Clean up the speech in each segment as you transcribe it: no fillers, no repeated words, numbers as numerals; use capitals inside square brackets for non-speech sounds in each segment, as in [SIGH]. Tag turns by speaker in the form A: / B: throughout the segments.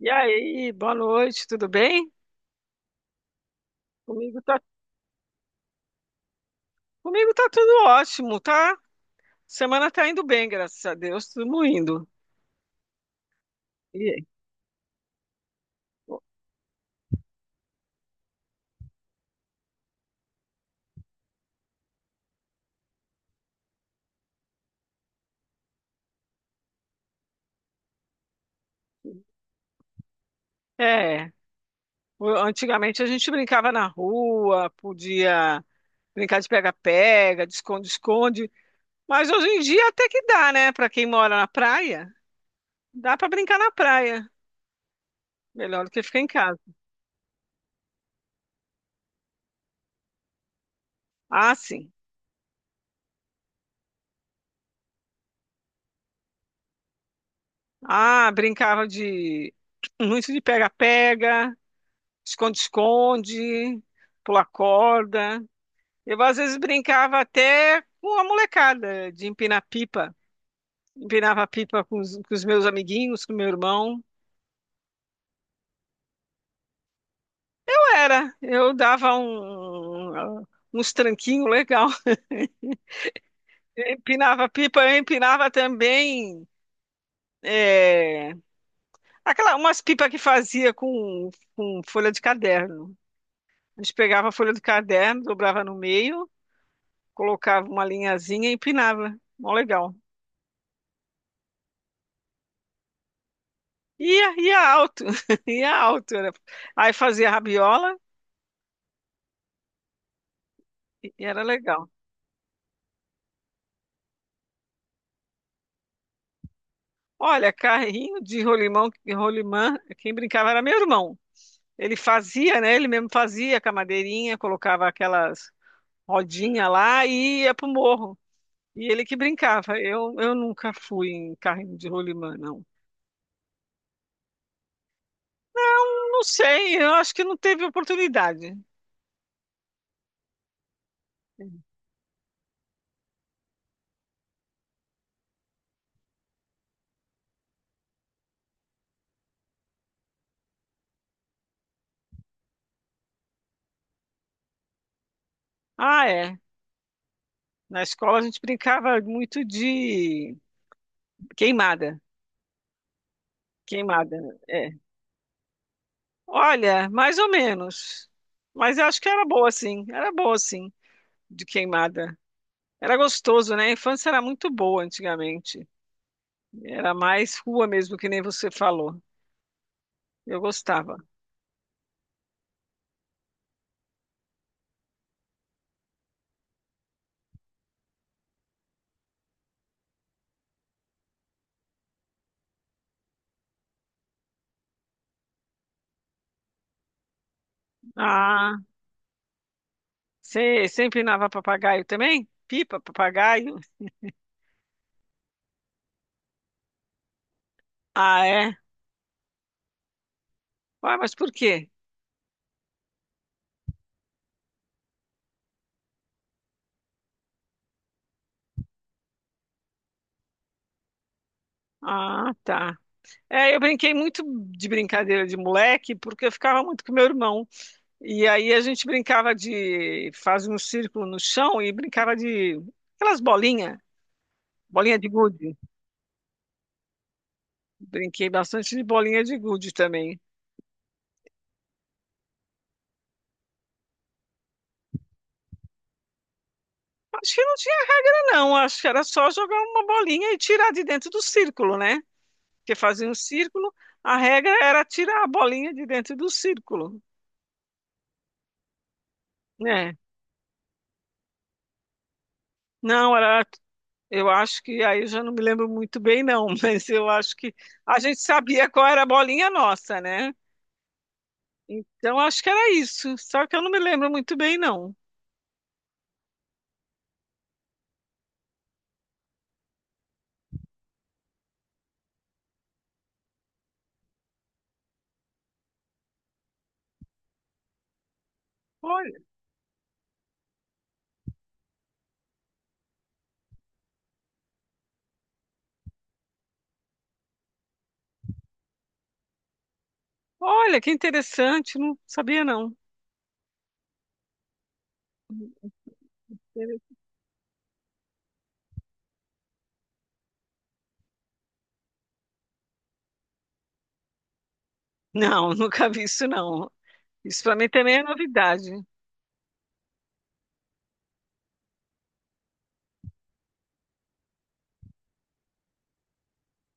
A: E aí, boa noite, tudo bem? Comigo tá, comigo tá tudo ótimo, tá? Semana tá indo bem, graças a Deus, tudo indo. E- é, Antigamente a gente brincava na rua, podia brincar de pega-pega, de esconde-esconde, mas hoje em dia até que dá, né? Para quem mora na praia, dá para brincar na praia, melhor do que ficar em casa. Ah, sim. Ah, brincava de muito de pega-pega, esconde-esconde, pular corda. Eu às vezes brincava até com a molecada de empinar pipa. Empinava pipa com os meus amiguinhos, com meu irmão. Era, eu dava uns tranquinhos legal. [LAUGHS] Empinava pipa, eu empinava também é, aquela, umas pipas que fazia com folha de caderno. A gente pegava a folha de caderno, dobrava no meio, colocava uma linhazinha e empinava. Mó legal. Ia alto, [LAUGHS] ia alto. Era. Aí fazia rabiola. E era legal. Olha, carrinho de rolimão, rolimã, quem brincava era meu irmão. Ele fazia, né? Ele mesmo fazia com a madeirinha, colocava aquelas rodinhas lá e ia pro morro. E ele que brincava. Eu nunca fui em carrinho de rolimã, não. Não sei, eu acho que não teve oportunidade. Ah, é. Na escola a gente brincava muito de queimada. Queimada, é. Olha, mais ou menos. Mas eu acho que era boa, sim. Era boa, sim, de queimada. Era gostoso, né? A infância era muito boa antigamente. Era mais rua mesmo, que nem você falou. Eu gostava. Ah, você sempre empinava papagaio também? Pipa, papagaio? Ah, é? Ué, mas por quê? Ah, tá. É, eu brinquei muito de brincadeira de moleque, porque eu ficava muito com meu irmão. E aí a gente brincava de... Fazia um círculo no chão e brincava de... Aquelas bolinhas. Bolinha de gude. Brinquei bastante de bolinha de gude também. Acho que eu não Não, acho que era só jogar uma bolinha e tirar de dentro do círculo, né? Porque fazia um círculo, a regra era tirar a bolinha de dentro do círculo, né? Não, era, eu acho que aí eu já não me lembro muito bem, não, [LAUGHS] mas eu acho que a gente sabia qual era a bolinha nossa, né? Então acho que era isso, só que eu não me lembro muito bem, não. Olha, Olha que interessante, não sabia, não. Não, [LAUGHS] nunca vi isso, não. Isso para mim também é novidade.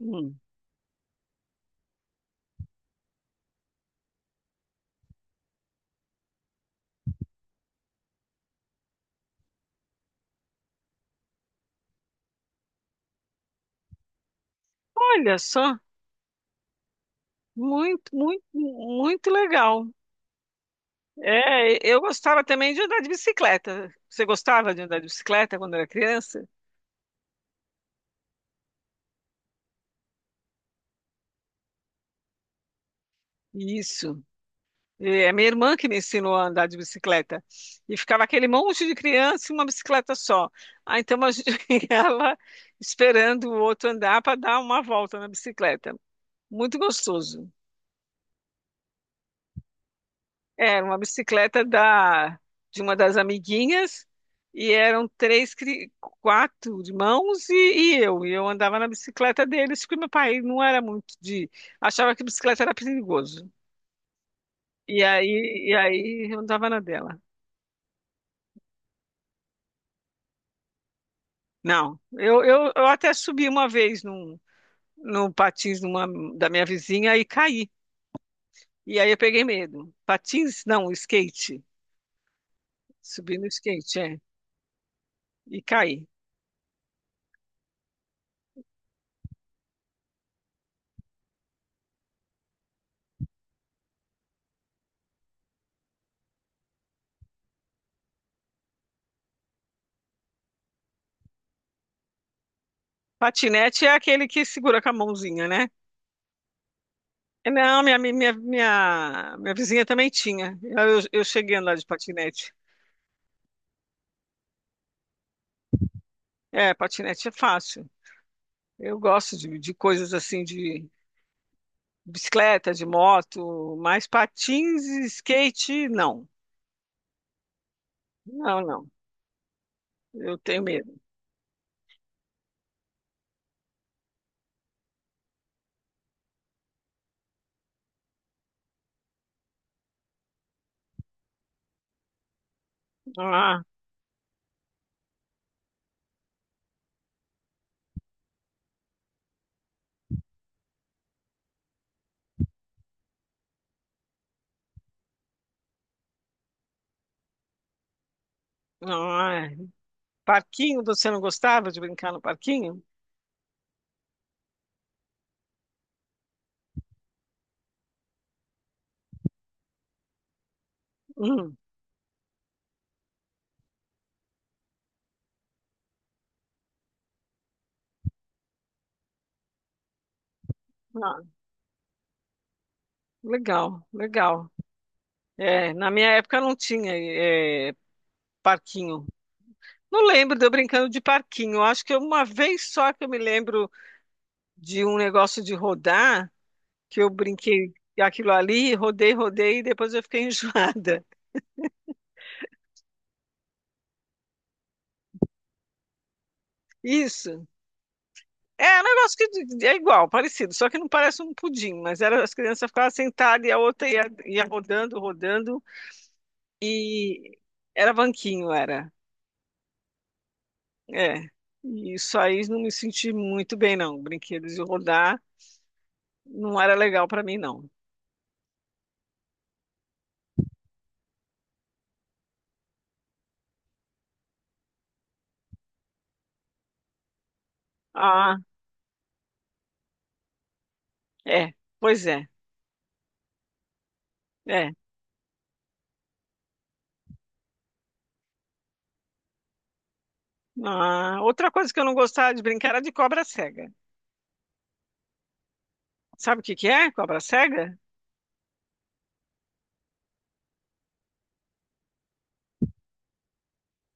A: Hum. Olha só. Muito legal. É, eu gostava também de andar de bicicleta. Você gostava de andar de bicicleta quando era criança? Isso. É a minha irmã que me ensinou a andar de bicicleta. E ficava aquele monte de criança e uma bicicleta só. Ah, então a gente, [LAUGHS] ela esperando o outro andar para dar uma volta na bicicleta. Muito gostoso. Era uma bicicleta da de uma das amiguinhas e eram três, quatro irmãos e eu. E eu andava na bicicleta deles porque meu pai não era muito de... Achava que bicicleta era perigoso. E aí eu andava na dela. Não, eu até subi uma vez num patins numa, da minha vizinha e caí. E aí eu peguei medo. Patins, não, skate. Subi no skate, é. E caí. Patinete é aquele que segura com a mãozinha, né? Não, minha vizinha também tinha. Eu cheguei a andar de patinete. É, patinete é fácil. Eu gosto de coisas assim, de bicicleta, de moto, mas patins e skate, não. Não, não. Eu tenho medo. Ah, ah, é. Parquinho, você não gostava de brincar no parquinho? Hum, ah, legal, legal. É, na minha época não tinha, parquinho. Não lembro de eu brincando de parquinho. Acho que uma vez só que eu me lembro de um negócio de rodar, que eu brinquei aquilo ali, rodei e depois eu fiquei [LAUGHS] enjoada. Isso. É um negócio que é igual, parecido, só que não parece um pudim, mas era, as crianças ficavam sentadas e a outra ia rodando, rodando, e era banquinho, era. É. E isso aí não me senti muito bem, não. Brinquedos de rodar não era legal para mim, não. Ah, é. Pois é. É. Ah, outra coisa que eu não gostava de brincar era de cobra cega. Sabe o que que é? Cobra cega?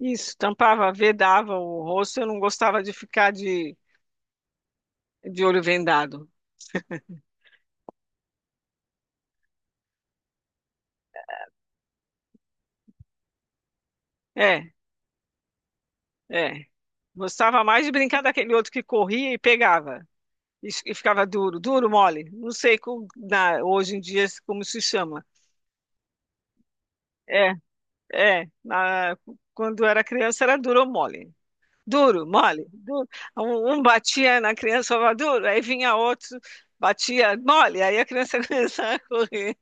A: Isso, tampava, vedava o rosto. Eu não gostava de ficar de olho vendado. É, é. Gostava mais de brincar daquele outro que corria e pegava. E ficava duro, duro, mole. Não sei como, hoje em dia como se chama. É, é. Quando era criança era duro ou mole. Duro, mole, duro. Um batia na criança, falava duro, aí vinha outro, batia mole, aí a criança [LAUGHS] começava a correr.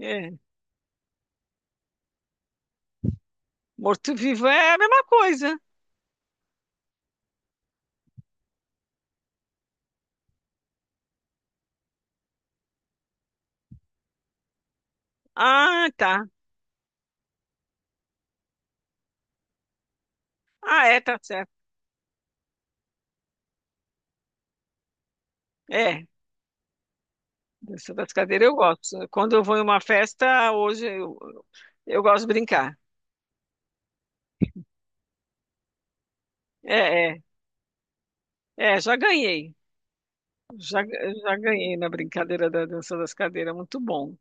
A: É. Morto-vivo é a mesma coisa. Ah, tá. Ah, é, tá certo. É, dança das cadeiras eu gosto. Quando eu vou em uma festa, eu gosto de brincar. É, é, é, já ganhei. Já ganhei na brincadeira da dança das cadeiras. Muito bom.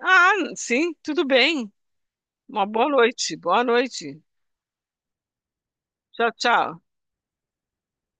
A: Ah, sim, tudo bem. Uma boa noite. Boa noite. Tchau, tchau.